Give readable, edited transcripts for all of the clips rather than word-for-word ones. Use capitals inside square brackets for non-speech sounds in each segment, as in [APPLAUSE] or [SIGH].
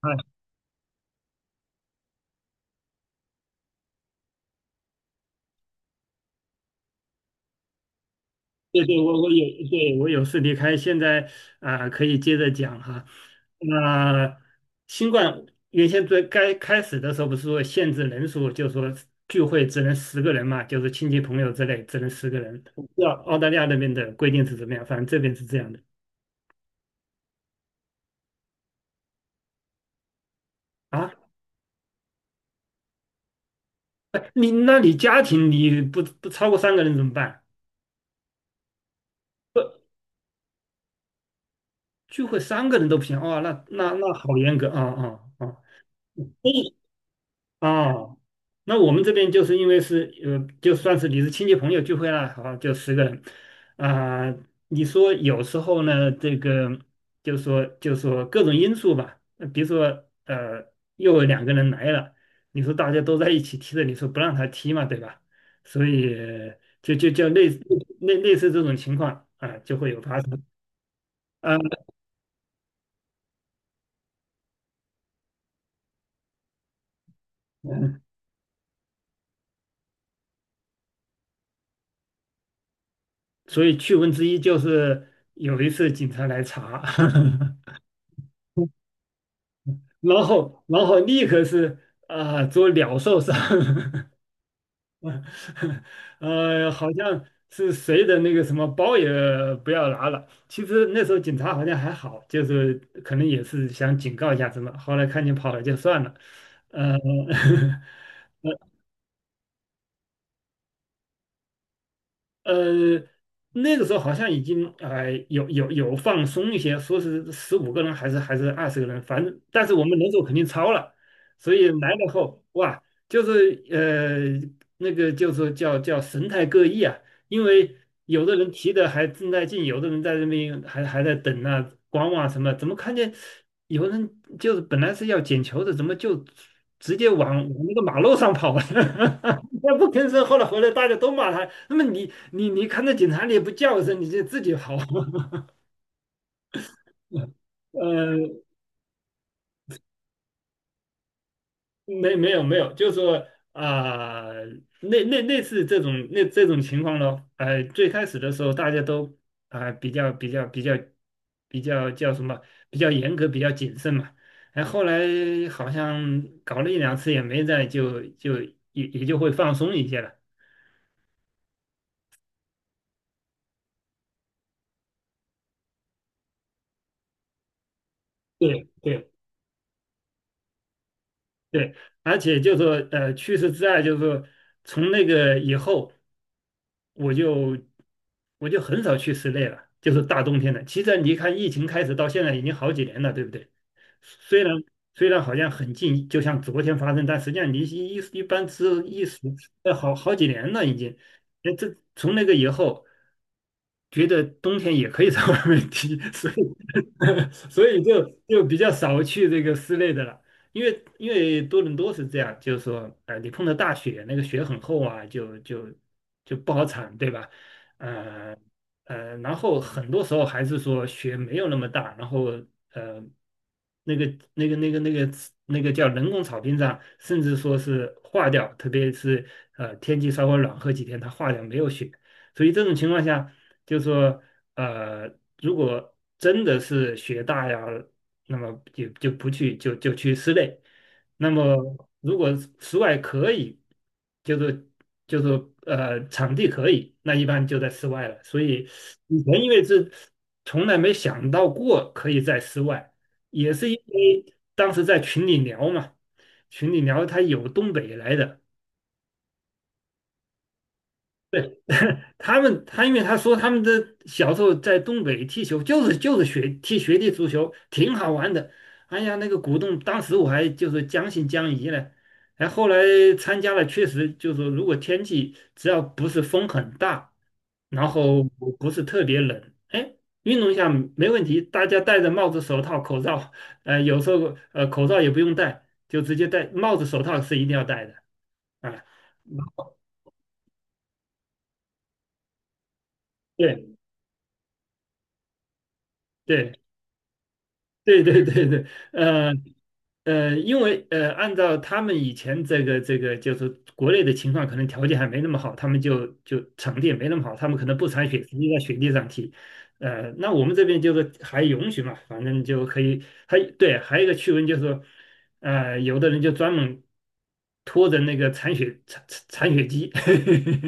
啊，对对，我有，对我有事离开，现在可以接着讲哈。那，新冠原先最该开始的时候不是说限制人数，就说聚会只能十个人嘛，就是亲戚朋友之类只能十个人。我不知道澳大利亚那边的规定是怎么样，反正这边是这样的啊。哎，你那你家庭你不超过三个人怎么办？不，聚会三个人都不行哦。那好严格啊啊啊！哦，那我们这边就是因为是就算是你是亲戚朋友聚会了，好，就十个人啊。你说有时候呢，这个就说各种因素吧，比如说呃，又有2个人来了，你说大家都在一起踢的，你说不让他踢嘛，对吧？所以就类似类似这种情况，就会有发生。啊、所以趣闻之一就是有一次警察来查。[LAUGHS] 然后立刻是，做鸟兽散，[LAUGHS] 好像是谁的那个什么包也不要拿了。其实那时候警察好像还好，就是可能也是想警告一下什么，后来看你跑了就算了，呃。[LAUGHS] 呃，那个时候好像已经有放松一些，说是15个人还是20个人，反正但是我们人数肯定超了，所以来了后哇，就是那个就是叫神态各异啊。因为有的人提的还正在进，有的人在那边还在等啊观望什么，怎么看见有人就是本来是要捡球的，怎么就直接往那个马路上跑了？[LAUGHS] [LAUGHS] 他不吭声，后来回来大家都骂他。那么你看到警察你也不叫一声，你就自己跑。[LAUGHS] 呃，没有没有，就是说啊、那类似这种那这种情况咯。最开始的时候大家都啊、比较比较比较比较叫什么比较严格，比较谨慎嘛。哎，后来好像搞了一两次也没在，就就也也就会放松一些了。对对。对，而且就说去世之爱，就是说从那个以后，我就我就很少去室内了，就是大冬天的。其实你看，疫情开始到现在已经好几年了，对不对？虽然虽然好像很近，就像昨天发生，但实际上离一般是一时好几年了已经。哎，这从那个以后，觉得冬天也可以 [LAUGHS] 在外面踢，所以 [LAUGHS] 所以比较少去这个室内的了。因为多伦多是这样，就是说，你碰到大雪，那个雪很厚啊，就不好铲，对吧？呃然后很多时候还是说雪没有那么大，然后呃，那个那个那个那个那个叫人工草坪上，甚至说是化掉，特别是天气稍微暖和几天，它化掉没有雪，所以这种情况下，就是说呃，如果真的是雪大呀。那么就不去就去室内。那么如果室外可以，就是就是场地可以，那一般就在室外了。所以以前因为是从来没想到过可以在室外，也是因为当时在群里聊嘛，群里聊他有东北来的。对，[LAUGHS] 他们，因为他说他们的小时候在东北踢球，就是学踢学弟足球，挺好玩的。哎呀，那个鼓动，当时我还就是将信将疑呢。哎，后来参加了，确实就是说如果天气只要不是风很大，然后不是特别冷，哎，运动一下没问题。大家戴着帽子、手套、口罩，有时候口罩也不用戴，就直接戴帽子、手套是一定要戴的啊。对对。[LAUGHS] 对对对对，呃因为按照他们以前这个，就是国内的情况，可能条件还没那么好，他们场地也没那么好，他们可能不铲雪，直接在雪地上踢。那我们这边就是还允许嘛，反正就可以。还对，还有一个趣闻就是说，有的人就专门拖着那个铲雪机，[LAUGHS]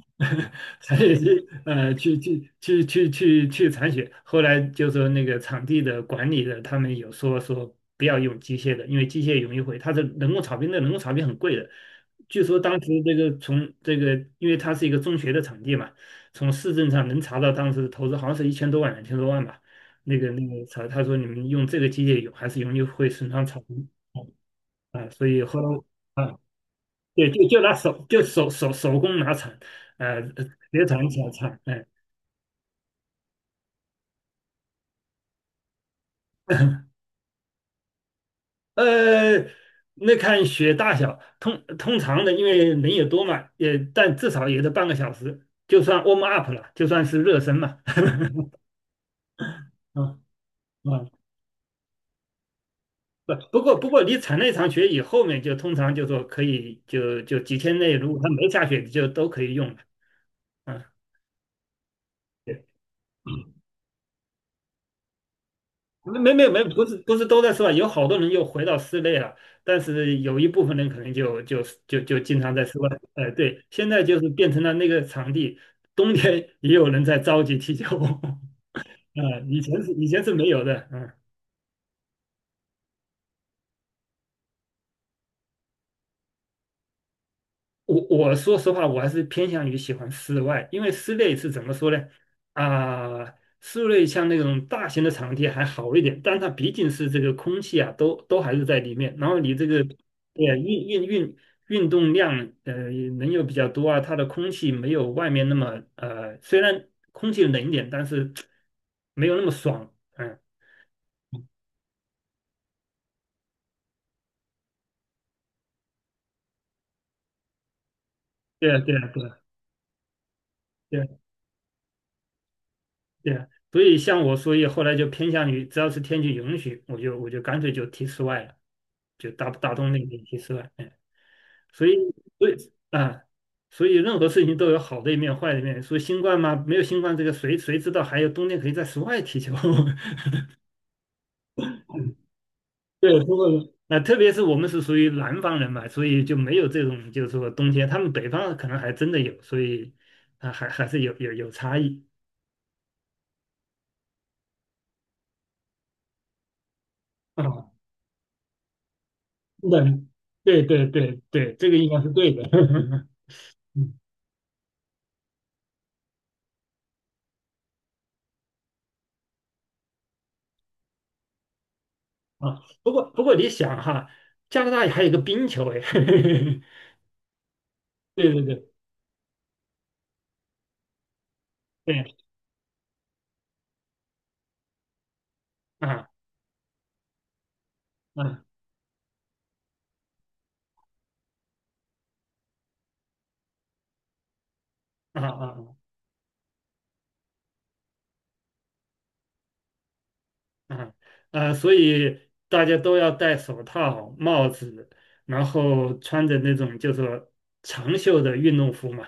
[LAUGHS] 残血去去铲血。后来就说那个场地的管理的，他们有说说不要用机械的，因为机械容易毁。它的人工草坪，那人工草坪很贵的。据说当时这个从这个，因为它是一个中学的场地嘛，从市政上能查到当时的投资好像是1000多万、2000多万吧。那个草，他说你们用这个机械有还是容易会损伤草坪啊，所以后来。啊，对，就拿手就手工拿铲，呃，别铲小铲，哎，呃，那看雪大小，通常的，因为人也多嘛，也但至少也得半个小时，就算 warm up 了，就算是热身嘛，[LAUGHS] 啊啊，不过你铲那场雪以后面就通常就说可以就几天内，如果它没下雪，就都可以用了。啊，对。没，不是都在室外，有好多人又回到室内了，但是有一部分人可能就经常在室外。哎，对，现在就是变成了那个场地，冬天也有人在着急踢球。[LAUGHS] 啊、以前是没有的，嗯。我说实话，我还是偏向于喜欢室外，因为室内是怎么说呢？啊、室内像那种大型的场地还好一点，但它毕竟是这个空气啊，都还是在里面。然后你这个，对啊运动量，人又比较多啊，它的空气没有外面那么，虽然空气冷一点，但是没有那么爽。嗯，对啊，对啊，对啊，对啊对，所以像我，所以后来就偏向于，只要是天气允许，我就干脆就踢室外了，就大冬令就踢室外。嗯，所以所以啊，所以任何事情都有好的一面、坏的一面。所以新冠嘛，没有新冠这个谁知道还有冬天可以在室外踢球？[LAUGHS] 对，不过啊，特别是我们是属于南方人嘛，所以就没有这种就是说冬天，他们北方可能还真的有，所以还是有差异啊。对对对对对，这个应该是对的。[LAUGHS] 嗯啊，不过你想哈，加拿大还有一个冰球哎，[LAUGHS] 对对对对啊啊啊啊啊啊。啊，所以大家都要戴手套、帽子，然后穿着那种就说长袖的运动服嘛。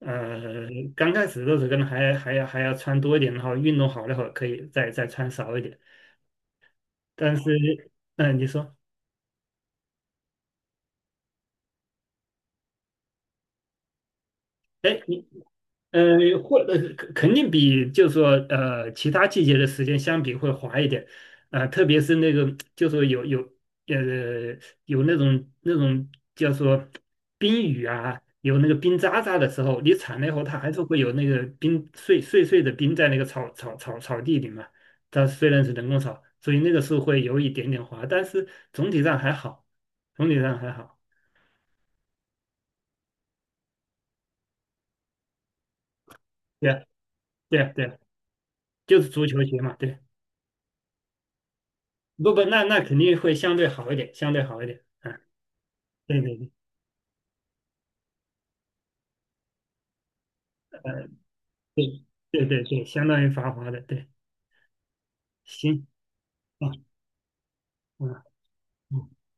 呃，刚开始的时候可能还要穿多一点，然后运动好了以后可以再穿少一点。但是，嗯，你说，哎，呃，肯定比就是说其他季节的时间相比会滑一点。特别是那个就是说呃有那种叫做冰雨啊，有那个冰渣渣的时候，你铲了以后，它还是会有那个冰碎的冰在那个草地里嘛。它虽然是人工草，所以那个是会有一点点滑，但是总体上还好，总体上还好。对啊，对啊，对啊，就是足球鞋嘛，对。不，那肯定会相对好一点，相对好一点。啊，对对对，呃，对对对对，相当于繁华的，对，行，啊，嗯，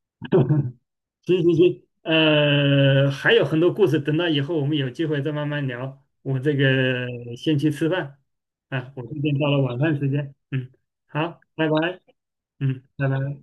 [LAUGHS] 嗯行行行，还有很多故事，等到以后我们有机会再慢慢聊。我这个先去吃饭，啊，我这边到了晚饭时间，嗯，好，拜拜，嗯，拜拜。